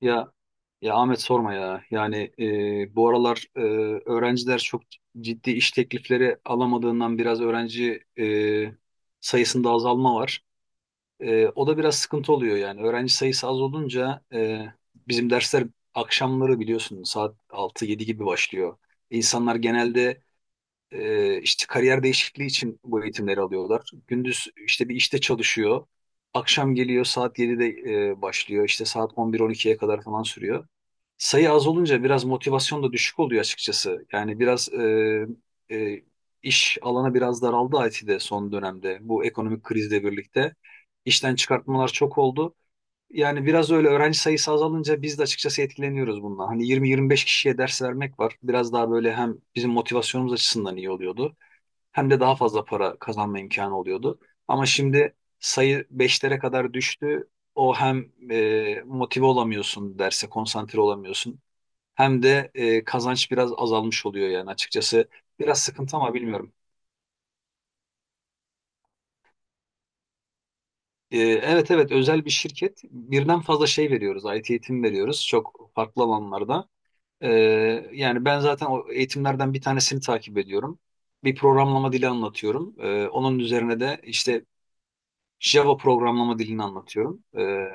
Ya ya Ahmet sorma ya. Yani bu aralar öğrenciler çok ciddi iş teklifleri alamadığından biraz öğrenci sayısında azalma var. O da biraz sıkıntı oluyor yani. Öğrenci sayısı az olunca bizim dersler akşamları biliyorsun saat 6-7 gibi başlıyor. İnsanlar genelde işte kariyer değişikliği için bu eğitimleri alıyorlar. Gündüz işte bir işte çalışıyor. Akşam geliyor saat 7'de başlıyor. İşte saat 11-12'ye kadar falan sürüyor. Sayı az olunca biraz motivasyon da düşük oluyor açıkçası. Yani biraz e, iş alanı biraz daraldı IT'de son dönemde. Bu ekonomik krizle birlikte işten çıkartmalar çok oldu. Yani biraz öyle öğrenci sayısı azalınca biz de açıkçası etkileniyoruz bundan. Hani 20-25 kişiye ders vermek var. Biraz daha böyle hem bizim motivasyonumuz açısından iyi oluyordu. Hem de daha fazla para kazanma imkanı oluyordu. Ama şimdi sayı 5'lere kadar düştü. O hem motive olamıyorsun derse, konsantre olamıyorsun. Hem de kazanç biraz azalmış oluyor yani açıkçası. Biraz sıkıntı ama bilmiyorum. Evet evet özel bir şirket. Birden fazla şey veriyoruz. IT eğitim veriyoruz. Çok farklı alanlarda. Yani ben zaten o eğitimlerden bir tanesini takip ediyorum. Bir programlama dili anlatıyorum. Onun üzerine de işte Java programlama dilini anlatıyorum. Ee,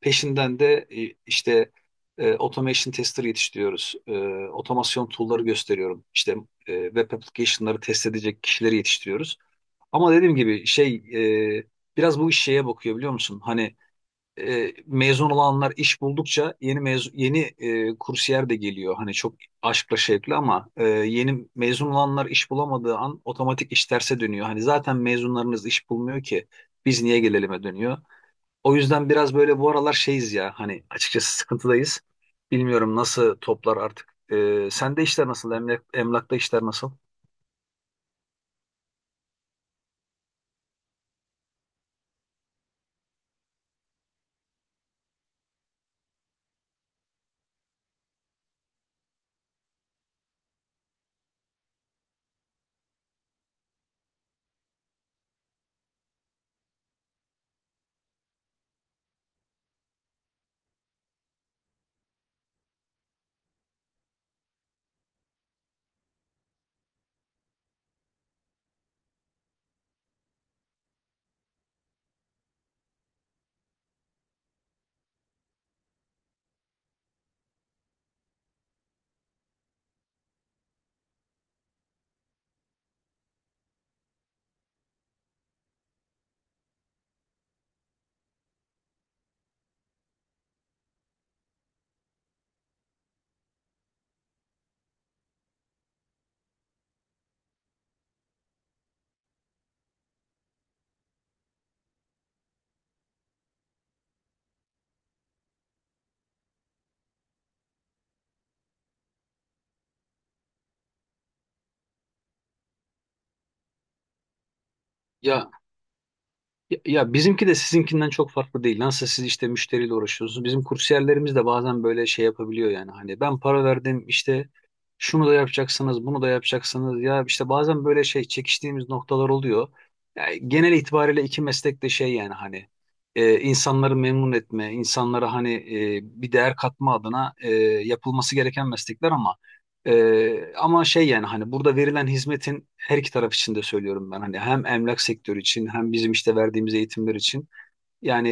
peşinden de işte automation tester yetiştiriyoruz. Otomasyon tool'ları gösteriyorum. İşte web application'ları test edecek kişileri yetiştiriyoruz. Ama dediğim gibi şey e, biraz bu iş şeye bakıyor biliyor musun? Hani mezun olanlar iş buldukça yeni mezun, yeni kursiyer de geliyor. Hani çok aşkla şevkle ama yeni mezun olanlar iş bulamadığı an otomatik iş terse dönüyor. Hani zaten mezunlarınız iş bulmuyor ki biz niye gelelim'e dönüyor. O yüzden biraz böyle bu aralar şeyiz ya hani açıkçası sıkıntıdayız. Bilmiyorum nasıl toplar artık. Sende işler nasıl? Emlak, emlakta işler nasıl? ya Ya, ya bizimki de sizinkinden çok farklı değil. Nasıl siz işte müşteriyle uğraşıyorsunuz. Bizim kursiyerlerimiz de bazen böyle şey yapabiliyor yani. Hani ben para verdim işte şunu da yapacaksınız, bunu da yapacaksınız. Ya işte bazen böyle şey çekiştiğimiz noktalar oluyor. Ya genel itibariyle iki meslek de şey yani hani insanları memnun etme, insanlara hani bir değer katma adına yapılması gereken meslekler ama ama şey yani hani burada verilen hizmetin her iki taraf için de söylüyorum ben hani hem emlak sektörü için hem bizim işte verdiğimiz eğitimler için yani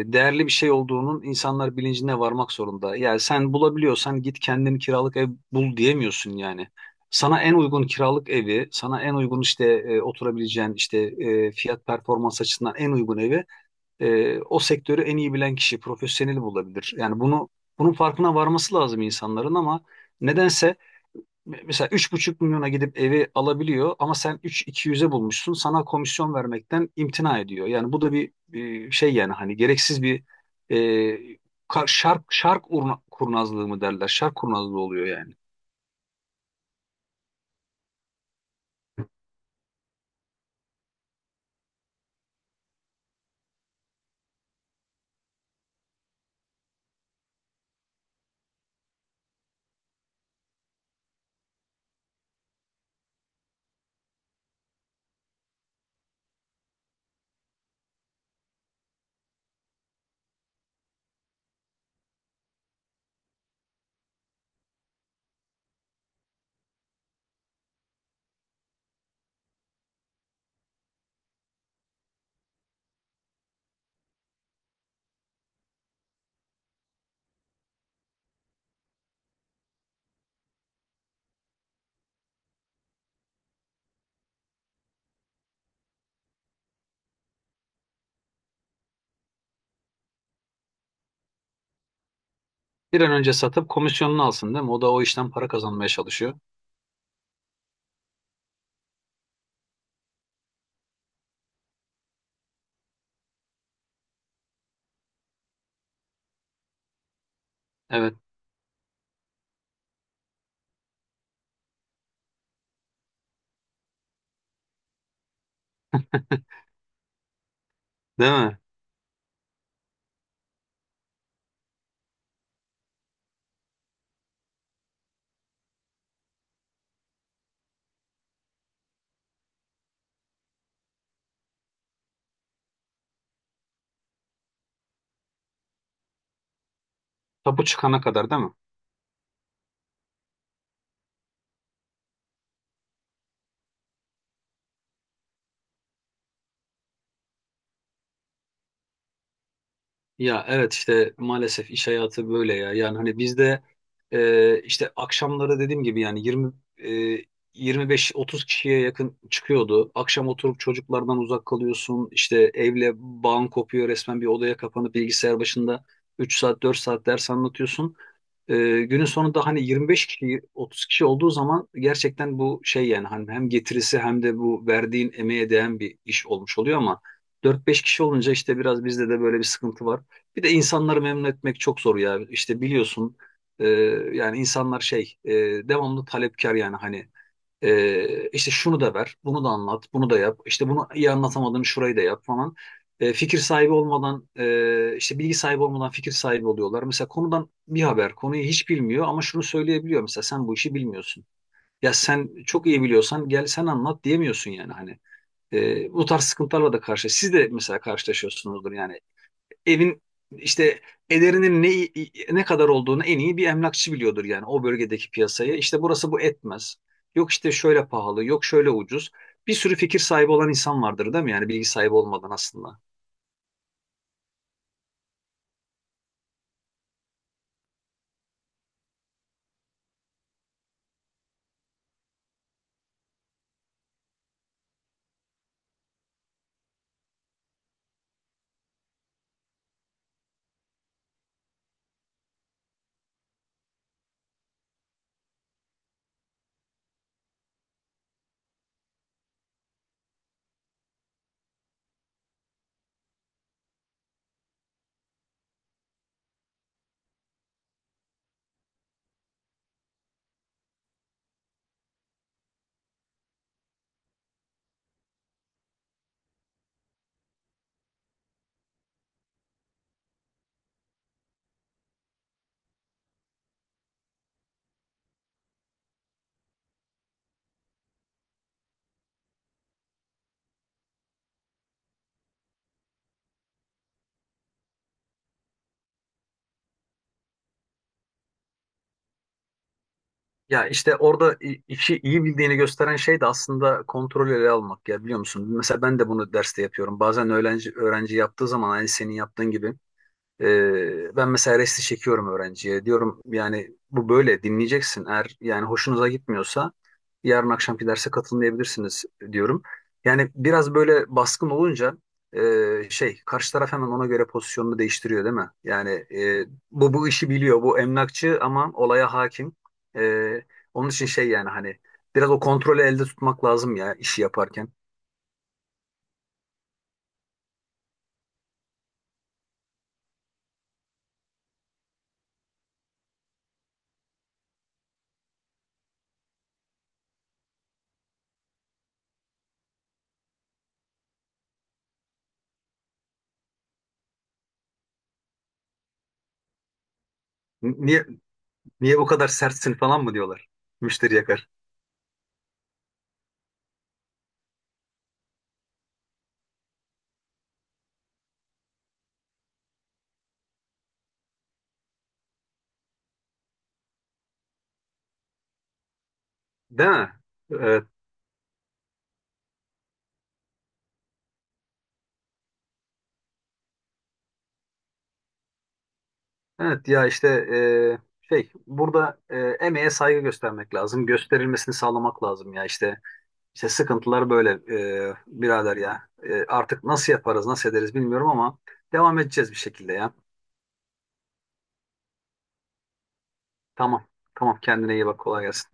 değerli bir şey olduğunun insanlar bilincine varmak zorunda. Yani sen bulabiliyorsan git kendini kiralık ev bul diyemiyorsun yani. Sana en uygun kiralık evi, sana en uygun işte oturabileceğin işte fiyat performans açısından en uygun evi o sektörü en iyi bilen kişi, profesyoneli bulabilir. Yani bunu bunun farkına varması lazım insanların ama nedense mesela 3,5 milyona gidip evi alabiliyor ama sen üç iki yüz'e bulmuşsun. Sana komisyon vermekten imtina ediyor. Yani bu da bir şey yani hani gereksiz bir e, şark kurnazlığı mı derler? Şark kurnazlığı oluyor yani. Bir an önce satıp komisyonunu alsın değil mi? O da o işten para kazanmaya çalışıyor. Evet, değil mi? Tapu çıkana kadar değil mi? Ya evet işte maalesef iş hayatı böyle ya. Yani hani bizde işte akşamları dediğim gibi yani 20 25-30 kişiye yakın çıkıyordu. Akşam oturup çocuklardan uzak kalıyorsun. İşte evle bağın kopuyor resmen bir odaya kapanıp bilgisayar başında 3 saat 4 saat ders anlatıyorsun. E, günün sonunda hani 25 kişi 30 kişi olduğu zaman gerçekten bu şey yani hani hem getirisi hem de bu verdiğin emeğe değen bir iş olmuş oluyor ama 4-5 kişi olunca işte biraz bizde de böyle bir sıkıntı var. Bir de insanları memnun etmek çok zor ya. İşte biliyorsun e, yani insanlar şey devamlı talepkar yani hani işte şunu da ver, bunu da anlat, bunu da yap. İşte bunu iyi anlatamadığını şurayı da yap falan. Fikir sahibi olmadan işte bilgi sahibi olmadan fikir sahibi oluyorlar. Mesela konudan bir haber, konuyu hiç bilmiyor ama şunu söyleyebiliyor. Mesela sen bu işi bilmiyorsun. Ya sen çok iyi biliyorsan gel sen anlat diyemiyorsun yani hani. Bu tarz sıkıntılarla da karşı. Siz de mesela karşılaşıyorsunuzdur yani evin işte ederinin ne kadar olduğunu en iyi bir emlakçı biliyordur yani o bölgedeki piyasayı. İşte burası bu etmez. Yok işte şöyle pahalı, yok şöyle ucuz. Bir sürü fikir sahibi olan insan vardır değil mi? Yani bilgi sahibi olmadan aslında. Ya işte orada işi iyi bildiğini gösteren şey de aslında kontrolü ele almak ya biliyor musun? Mesela ben de bunu derste yapıyorum. Bazen öğrenci yaptığı zaman aynı senin yaptığın gibi Ben mesela resti çekiyorum öğrenciye. Diyorum yani bu böyle dinleyeceksin. Eğer yani hoşunuza gitmiyorsa yarın akşamki derse katılmayabilirsiniz diyorum. Yani biraz böyle baskın olunca şey karşı taraf hemen ona göre pozisyonunu değiştiriyor değil mi? Yani e, bu işi biliyor. Bu emlakçı ama olaya hakim. E, onun için şey yani hani biraz o kontrolü elde tutmak lazım ya işi yaparken. Niye Niye bu kadar sertsin falan mı diyorlar müşteri yakar. Değil mi? Evet. Evet ya işte şey burada emeğe saygı göstermek lazım. Gösterilmesini sağlamak lazım ya işte. İşte sıkıntılar böyle birader ya. Artık nasıl yaparız nasıl ederiz bilmiyorum ama devam edeceğiz bir şekilde ya. Tamam tamam kendine iyi bak kolay gelsin.